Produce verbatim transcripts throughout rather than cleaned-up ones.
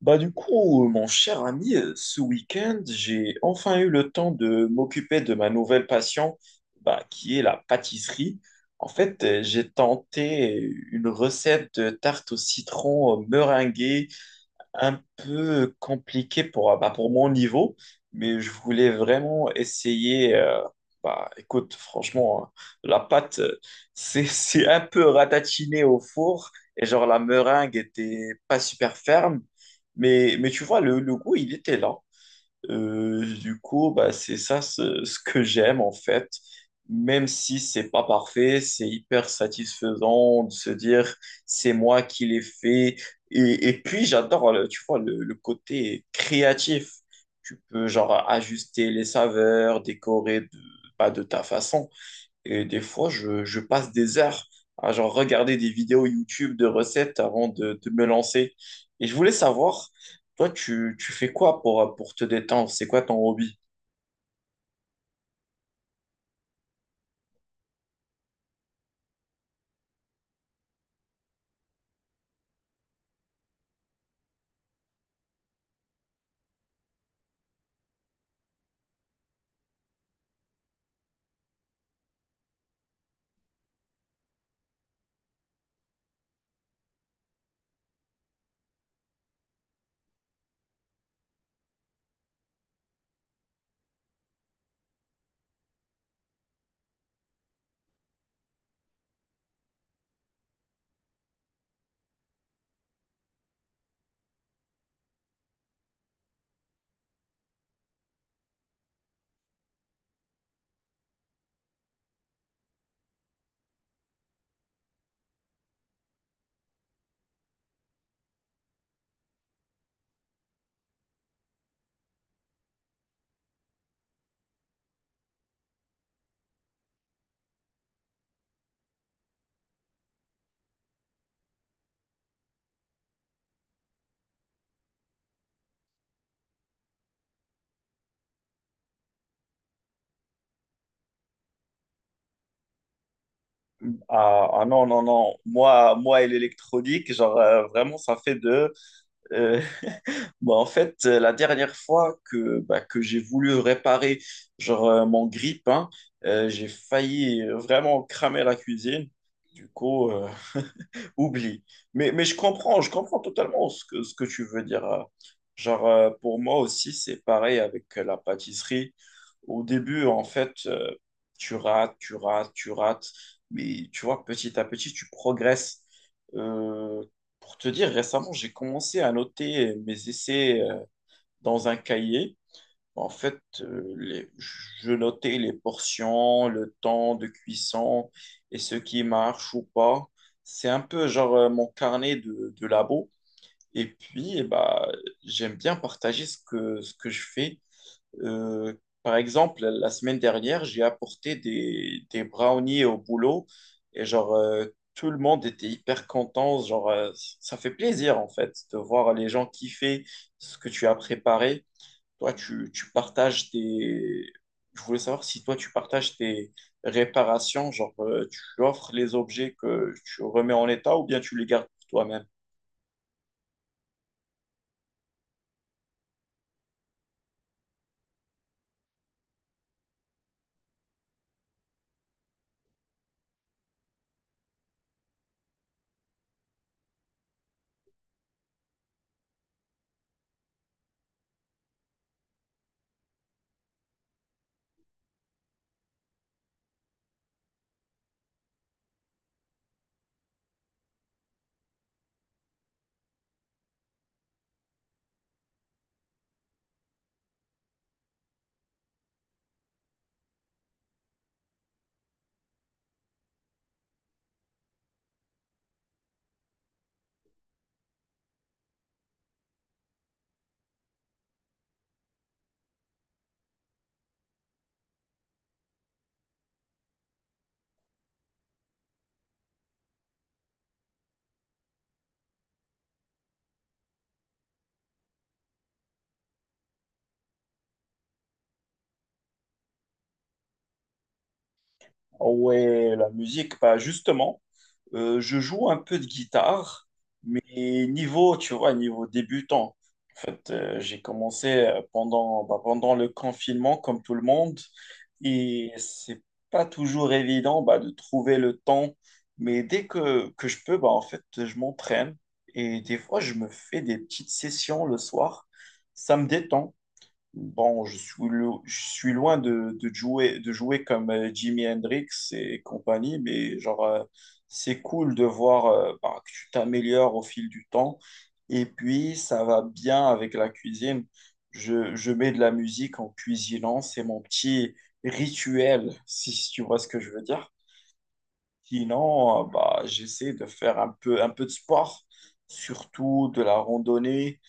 Bah du coup, euh, mon cher ami, euh, ce week-end, j'ai enfin eu le temps de m'occuper de ma nouvelle passion, bah, qui est la pâtisserie. En fait, euh, j'ai tenté une recette de tarte au citron euh, meringuée un peu compliqué pour, euh, bah, pour mon niveau, mais je voulais vraiment essayer. Euh, bah, écoute, franchement, hein, la pâte, euh, c'est, c'est un peu ratatiné au four et genre la meringue était pas super ferme, mais, mais tu vois, le, le goût, il était là. Euh, du coup, bah, c'est ça ce, ce que j'aime en fait. Même si c'est pas parfait, c'est hyper satisfaisant de se dire c'est moi qui l'ai fait. Et, et puis j'adore, le- tu vois, le, le côté créatif. Tu peux genre ajuster les saveurs, décorer de, pas de ta façon. Et des fois, je, je passe des heures à genre regarder des vidéos YouTube de recettes avant de, de me lancer. Et je voulais savoir, toi, tu, tu fais quoi pour, pour te détendre? C'est quoi ton hobby? Ah, ah non, non, non. Moi, moi et l'électronique, genre, euh, vraiment, ça fait de. euh, Bah, en fait, euh, la dernière fois que, bah, que j'ai voulu réparer genre, euh, mon grille-pain, euh, j'ai failli euh, vraiment cramer la cuisine. Du coup, euh, oublie. Mais, mais je comprends, je comprends totalement ce que, ce que tu veux dire. euh. Genre, euh, pour moi aussi, c'est pareil avec euh, la pâtisserie. Au début, en fait, euh, tu rates, tu rates, tu rates. Mais tu vois, petit à petit, tu progresses. Euh, pour te dire, récemment, j'ai commencé à noter mes essais euh, dans un cahier. En fait, euh, les- je notais les portions, le temps de cuisson et ce qui marche ou pas. C'est un peu genre euh, mon carnet de, de labo. Et puis, eh bah, j'aime bien partager ce que, ce que je fais. Euh, Par exemple, la semaine dernière, j'ai apporté des, des brownies au boulot et genre euh, tout le monde était hyper content. Genre, euh, ça fait plaisir en fait de voir les gens kiffer ce que tu as préparé. Toi, tu, tu partages tes. Je voulais savoir si toi, tu partages tes réparations, genre euh, tu offres les objets que tu remets en état ou bien tu les gardes pour toi-même. Ah ouais, la musique, bah justement, euh, je joue un peu de guitare, mais niveau, tu vois, niveau débutant. En fait, euh, j'ai commencé euh, pendant, bah, pendant le confinement, comme tout le monde, et c'est pas toujours évident bah, de trouver le temps. Mais dès que, que je peux, bah, en fait, je m'entraîne et des fois, je me fais des petites sessions le soir. Ça me détend. Bon, je suis, lo- je suis loin de, de jouer, de jouer comme euh, Jimi Hendrix et compagnie, mais genre, euh, c'est cool de voir euh, bah, que tu t'améliores au fil du temps. Et puis, ça va bien avec la cuisine. Je, je mets de la musique en cuisinant, c'est mon petit rituel, si si tu vois ce que je veux dire. Sinon, euh, bah, j'essaie de faire un peu, un peu de sport, surtout de la randonnée.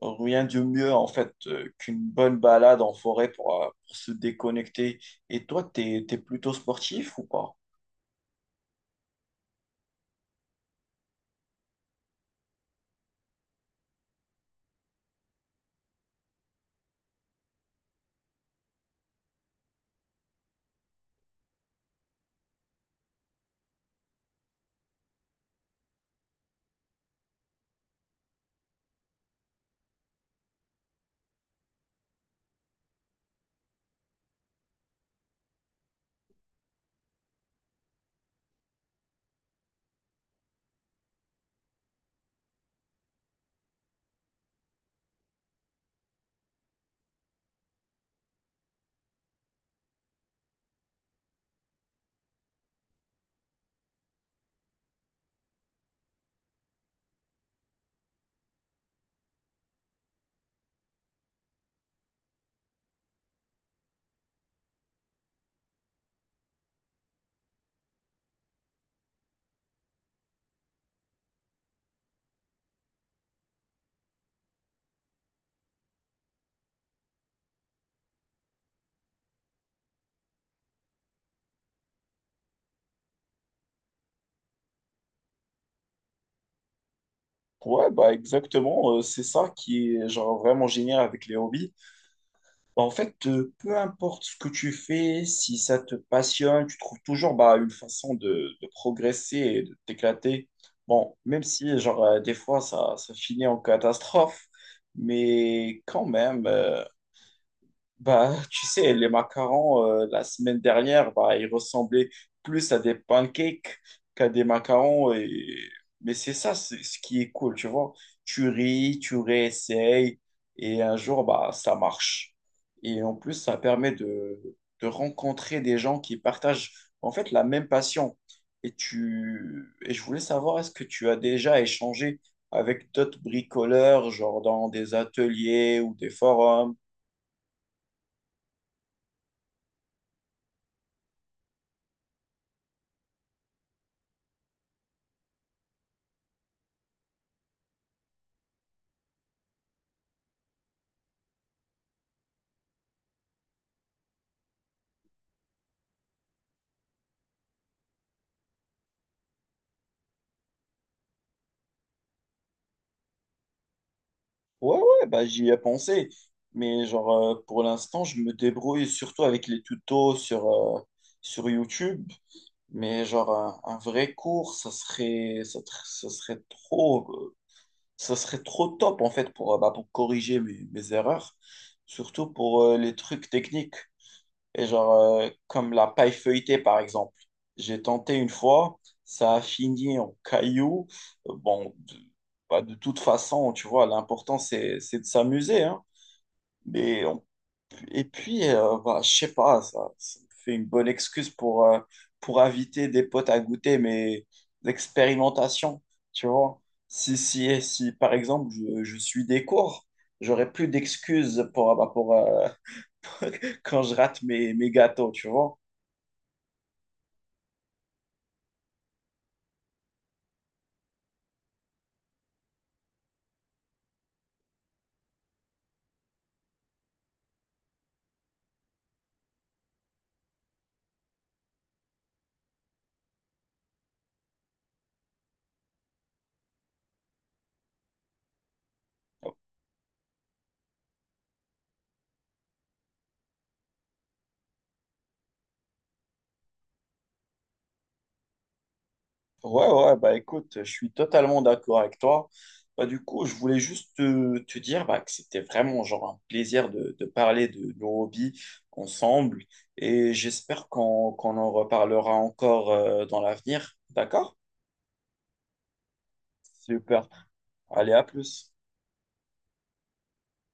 Rien de mieux en fait euh, qu'une bonne balade en forêt pour, euh, pour se déconnecter. Et toi, t'es, t'es plutôt sportif ou pas? Ouais, bah exactement, euh, c'est ça qui est genre vraiment génial avec les hobbies. Bah, en fait, euh, peu importe ce que tu fais, si ça te passionne, tu trouves toujours bah, une façon de, de progresser et de t'éclater. Bon, même si genre euh, des fois ça, ça finit en catastrophe, mais quand même. euh, Bah, tu sais, les macarons, euh, la semaine dernière, bah, ils ressemblaient plus à des pancakes qu'à des macarons. Et... Mais c'est ça, c'est ce qui est cool, tu vois. Tu ris, tu réessayes, et un jour, bah, ça marche. Et en plus, ça permet de, de rencontrer des gens qui partagent, en fait, la même passion. Et tu... Et je voulais savoir, est-ce que tu as déjà échangé avec d'autres bricoleurs, genre dans des ateliers ou des forums? Ouais, ouais, bah, j'y ai pensé. Mais genre, euh, pour l'instant, je me débrouille surtout avec les tutos sur, euh, sur YouTube. Mais genre, un, un vrai cours, ça serait, ça, tr- ça serait trop, euh, ça serait trop top, en fait, pour, euh, bah, pour corriger mes, mes erreurs. Surtout pour euh, les trucs techniques. Et genre, euh, comme la paille feuilletée, par exemple. J'ai tenté une fois, ça a fini en cailloux. Euh, Bon, de, bah, de toute façon, tu vois, l'important, c'est, c'est de s'amuser, hein. Mais on- et puis, euh, bah, je sais pas, ça, ça me fait une bonne excuse pour, euh, pour inviter des potes à goûter mes expérimentations, tu vois. Si, si, si, par exemple, je, je suis des cours, j'aurais plus d'excuses pour, bah, pour euh, quand je rate mes, mes gâteaux, tu vois. Ouais, ouais, bah écoute, je suis totalement d'accord avec toi. Bah, du coup, je voulais juste te, te dire bah, que c'était vraiment genre un plaisir de, de parler de nos hobbies ensemble et j'espère qu'on qu'on en reparlera encore euh, dans l'avenir. D'accord? Super. Allez, à plus.